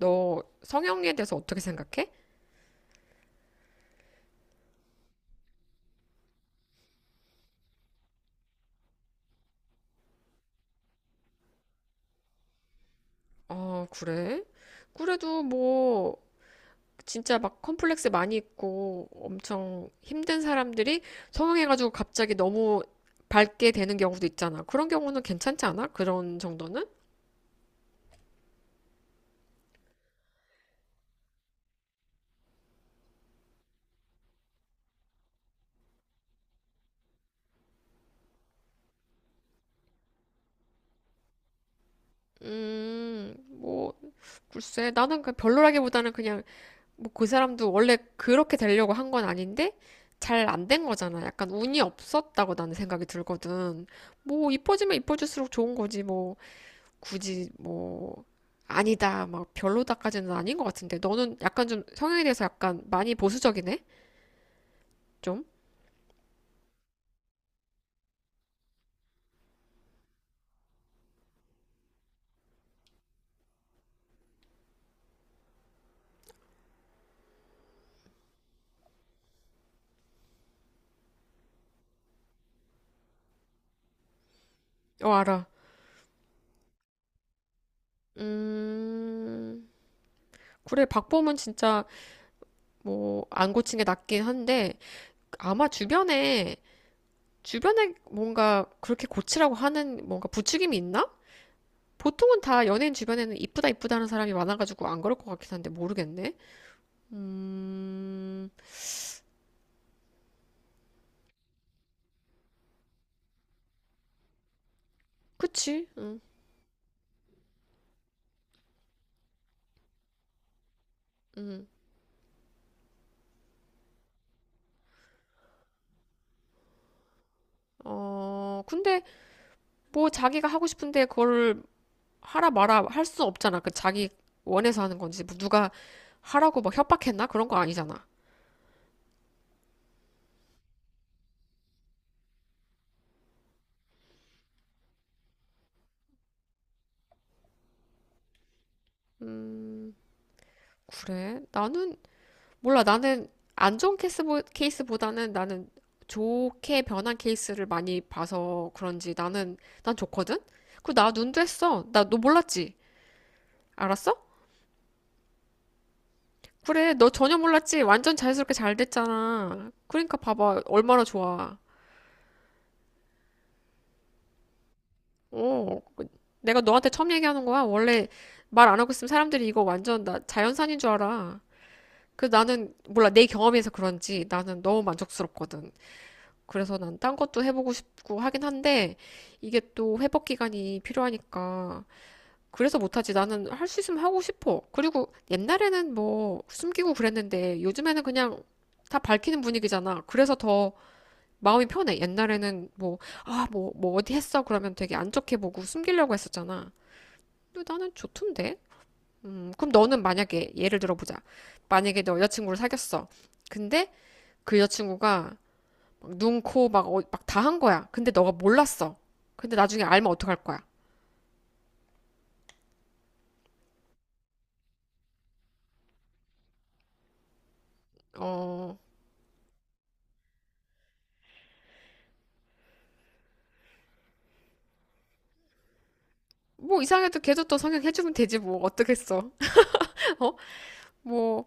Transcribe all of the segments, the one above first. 너 성형에 대해서 어떻게 생각해? 아, 그래? 그래도 뭐 진짜 막 컴플렉스 많이 있고 엄청 힘든 사람들이 성형해가지고 갑자기 너무 밝게 되는 경우도 있잖아. 그런 경우는 괜찮지 않아? 그런 정도는? 음, 뭐 글쎄 나는 그 별로라기보다는 그냥 뭐 그 사람도 원래 그렇게 되려고 한건 아닌데 잘 안된 거잖아. 약간 운이 없었다고 나는 생각이 들거든. 뭐 이뻐지면 이뻐질수록 좋은 거지 뭐. 굳이 뭐 아니다 막 별로다까지는 아닌 것 같은데 너는 약간 좀 성향에 대해서 약간 많이 보수적이네. 좀? 어 알아. 음 그래, 박범은 진짜 뭐 안 고친 게 낫긴 한데 아마 주변에 뭔가 그렇게 고치라고 하는 뭔가 부추김이 있나? 보통은 다 연예인 주변에는 이쁘다 이쁘다 하는 사람이 많아가지고 안 그럴 것 같긴 한데 모르겠네. 음, 그치. 응. 응. 어 근데 뭐 자기가 하고 싶은데 그걸 하라 마라 할 수 없잖아. 그 자기 원해서 하는 건지 뭐 누가 하라고 막 협박했나? 그런 거 아니잖아. 음, 그래. 나는 몰라. 나는 안 좋은 케이스보다는 나는 좋게 변한 케이스를 많이 봐서 그런지 나는 난 좋거든. 그 나 눈도 했어. 나 너 몰랐지? 알았어? 그래. 너 전혀 몰랐지? 완전 자연스럽게 잘 됐잖아. 그러니까 봐봐. 얼마나 좋아. 어, 내가 너한테 처음 얘기하는 거야. 원래 말 안 하고 있으면 사람들이 이거 완전 나 자연산인 줄 알아. 그 나는 몰라, 내 경험에서 그런지 나는 너무 만족스럽거든. 그래서 난 딴 것도 해보고 싶고 하긴 한데 이게 또 회복 기간이 필요하니까 그래서 못하지. 나는 할 수 있으면 하고 싶어. 그리고 옛날에는 뭐 숨기고 그랬는데 요즘에는 그냥 다 밝히는 분위기잖아. 그래서 더 마음이 편해. 옛날에는 뭐, 아, 뭐 어디 했어? 그러면 되게 안 좋게 보고 숨기려고 했었잖아. 근데 나는 좋던데? 그럼 너는 만약에 예를 들어보자. 만약에 너 여자친구를 사귀었어. 근데 그 여자친구가 막 눈, 코, 막, 막다 한 거야. 근데 너가 몰랐어. 근데 나중에 알면 어떡할 거야? 어, 뭐 이상해도 걔도 또 성형해주면 되지 뭐 어떡했어? 어? 뭐,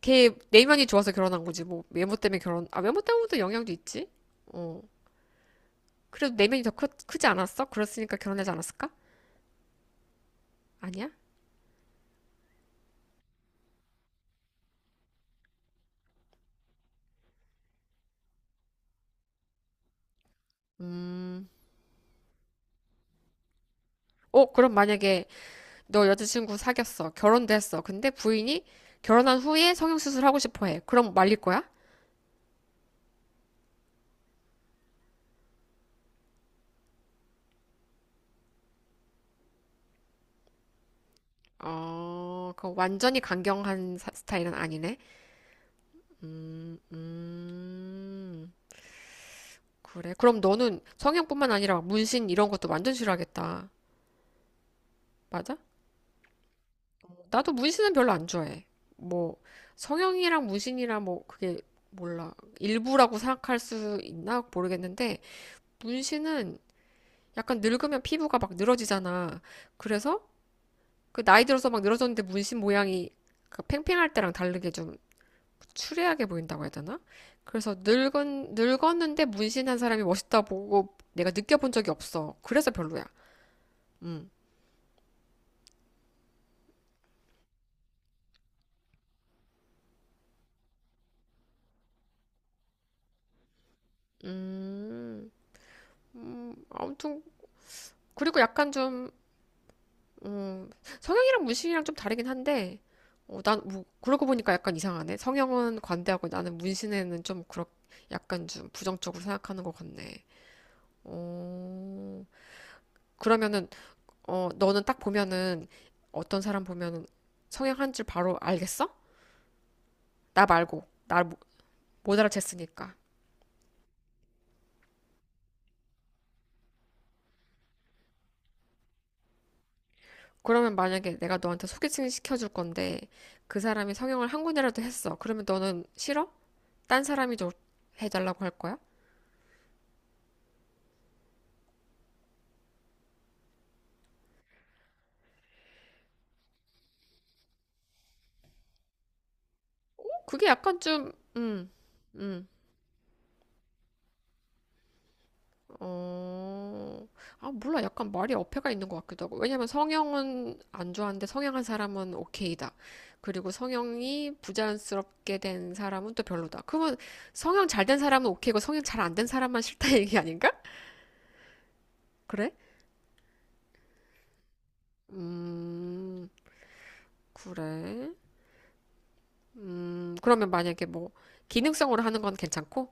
걔 내면이 좋아서 결혼한 거지. 뭐 외모 때문에 결혼, 아 외모 때문에도 영향도 있지. 어, 그래도 내면이 더 크지 않았어? 그랬으니까 결혼하지 않았을까? 아니야? 음, 어, 그럼 만약에 너 여자친구 사귀었어. 결혼도 했어. 근데 부인이 결혼한 후에 성형수술 하고 싶어 해. 그럼 말릴 거야? 어, 그 완전히 강경한 스타일은 아니네. 음, 그래. 그럼 너는 성형뿐만 아니라 문신 이런 것도 완전 싫어하겠다. 맞아? 나도 문신은 별로 안 좋아해. 뭐, 성형이랑 문신이랑 뭐, 그게 몰라. 일부라고 생각할 수 있나 모르겠는데, 문신은 약간 늙으면 피부가 막 늘어지잖아. 그래서 그 나이 들어서 막 늘어졌는데 문신 모양이 그 팽팽할 때랑 다르게 좀 추리하게 보인다고 해야 되나? 그래서 늙은 늙었는데 문신한 사람이 멋있다 보고 내가 느껴본 적이 없어. 그래서 별로야. 음, 음, 아무튼 그리고 약간 좀 음, 성형이랑 문신이랑 좀 다르긴 한데 어, 난 뭐, 그러고 보니까 약간 이상하네. 성형은 관대하고 나는 문신에는 좀 그렇, 약간 좀 부정적으로 생각하는 것 같네. 어, 그러면은 어, 너는 딱 보면은 어떤 사람 보면은 성향 한 줄 바로 알겠어? 나 말고 나 못 알아챘으니까. 그러면 만약에 내가 너한테 소개팅 시켜줄 건데 그 사람이 성형을 한 군데라도 했어. 그러면 너는 싫어? 딴 사람이 좀 해달라고 할 거야? 그게 약간 좀, 음, 음. 어, 아, 몰라. 약간 말이 어폐가 있는 것 같기도 하고. 왜냐면 성형은 안 좋아하는데 성형한 사람은 오케이다. 그리고 성형이 부자연스럽게 된 사람은 또 별로다. 그러면 성형 잘 된 사람은 오케이고 성형 잘 안 된 사람만 싫다 얘기 아닌가? 그래? 음, 그래. 그러면 만약에 뭐, 기능성으로 하는 건 괜찮고?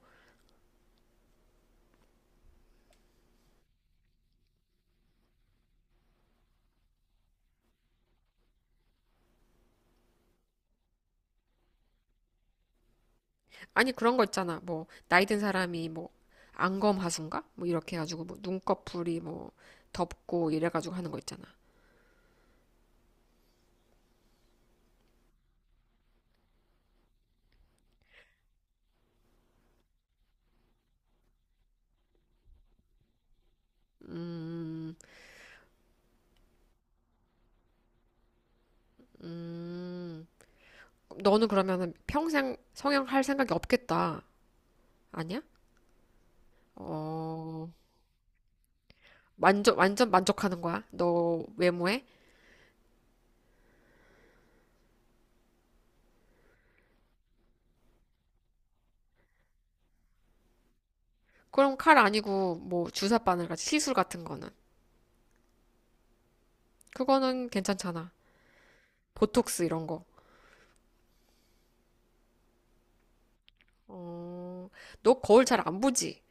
아니, 그런 거 있잖아. 뭐, 나이 든 사람이 뭐, 안검 하수인가? 뭐, 이렇게 해가지고, 뭐, 눈꺼풀이 뭐, 덥고 이래가지고 하는 거 있잖아. 음, 음. 너는 그러면은 평생 성형할 생각이 없겠다. 아니야? 어, 완전, 완전 만족하는 거야? 너 외모에? 그럼 칼 아니고, 뭐, 주사 바늘 같이 시술 같은 거는. 그거는 괜찮잖아. 보톡스 이런 거. 어, 너 거울 잘 안 보지?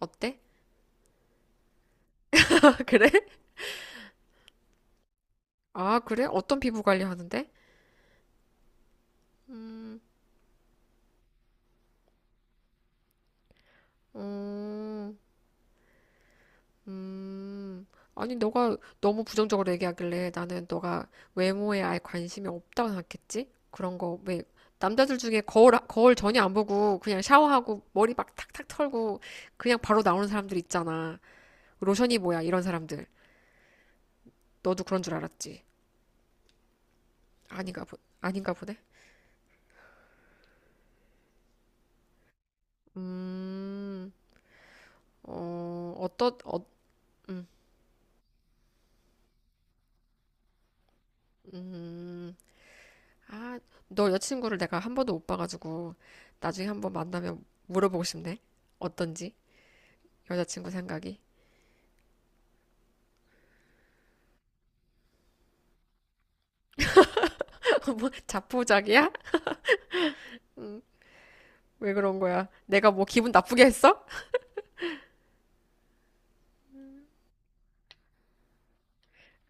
어때? 그래? 아, 그래? 어떤 피부 관리 하는데? 음, 음, 아니, 너가 너무 부정적으로 얘기하길래 나는 너가 외모에 아예 관심이 없다고 생각했지? 그런 거, 왜, 남자들 중에 거울 전혀 안 보고 그냥 샤워하고 머리 막 탁탁 털고 그냥 바로 나오는 사람들 있잖아. 로션이 뭐야, 이런 사람들. 너도 그런 줄 알았지? 아닌가 보네? 음, 어, 어떠, 어, 음, 아, 너 여자친구를 내가 한 번도 못 봐가지고 나중에 한 번 만나면 물어보고 싶네. 어떤지? 여자친구 생각이. 뭐 자포자기야? 왜 그런 거야? 내가 뭐 기분 나쁘게 했어?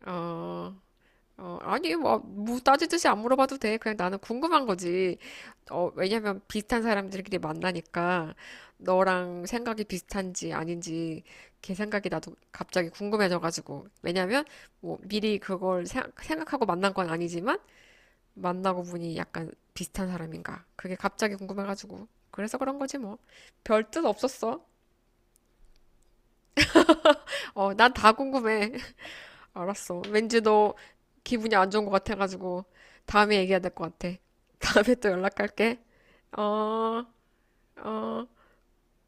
어, 어, 아니 뭐, 따지듯이 안 물어봐도 돼. 그냥 나는 궁금한 거지. 어, 왜냐면 비슷한 사람들끼리 만나니까 너랑 생각이 비슷한지 아닌지 걔 생각이 나도 갑자기 궁금해져가지고. 왜냐면 뭐 미리 그걸 생각하고 만난 건 아니지만 만나고 보니 약간 비슷한 사람인가. 그게 갑자기 궁금해가지고. 그래서 그런 거지 뭐. 별 뜻 없었어. 어, 난 다 궁금해. 알았어. 왠지 너 기분이 안 좋은 것 같아가지고 다음에 얘기해야 될 것 같아. 다음에 또 연락할게. 어, 어.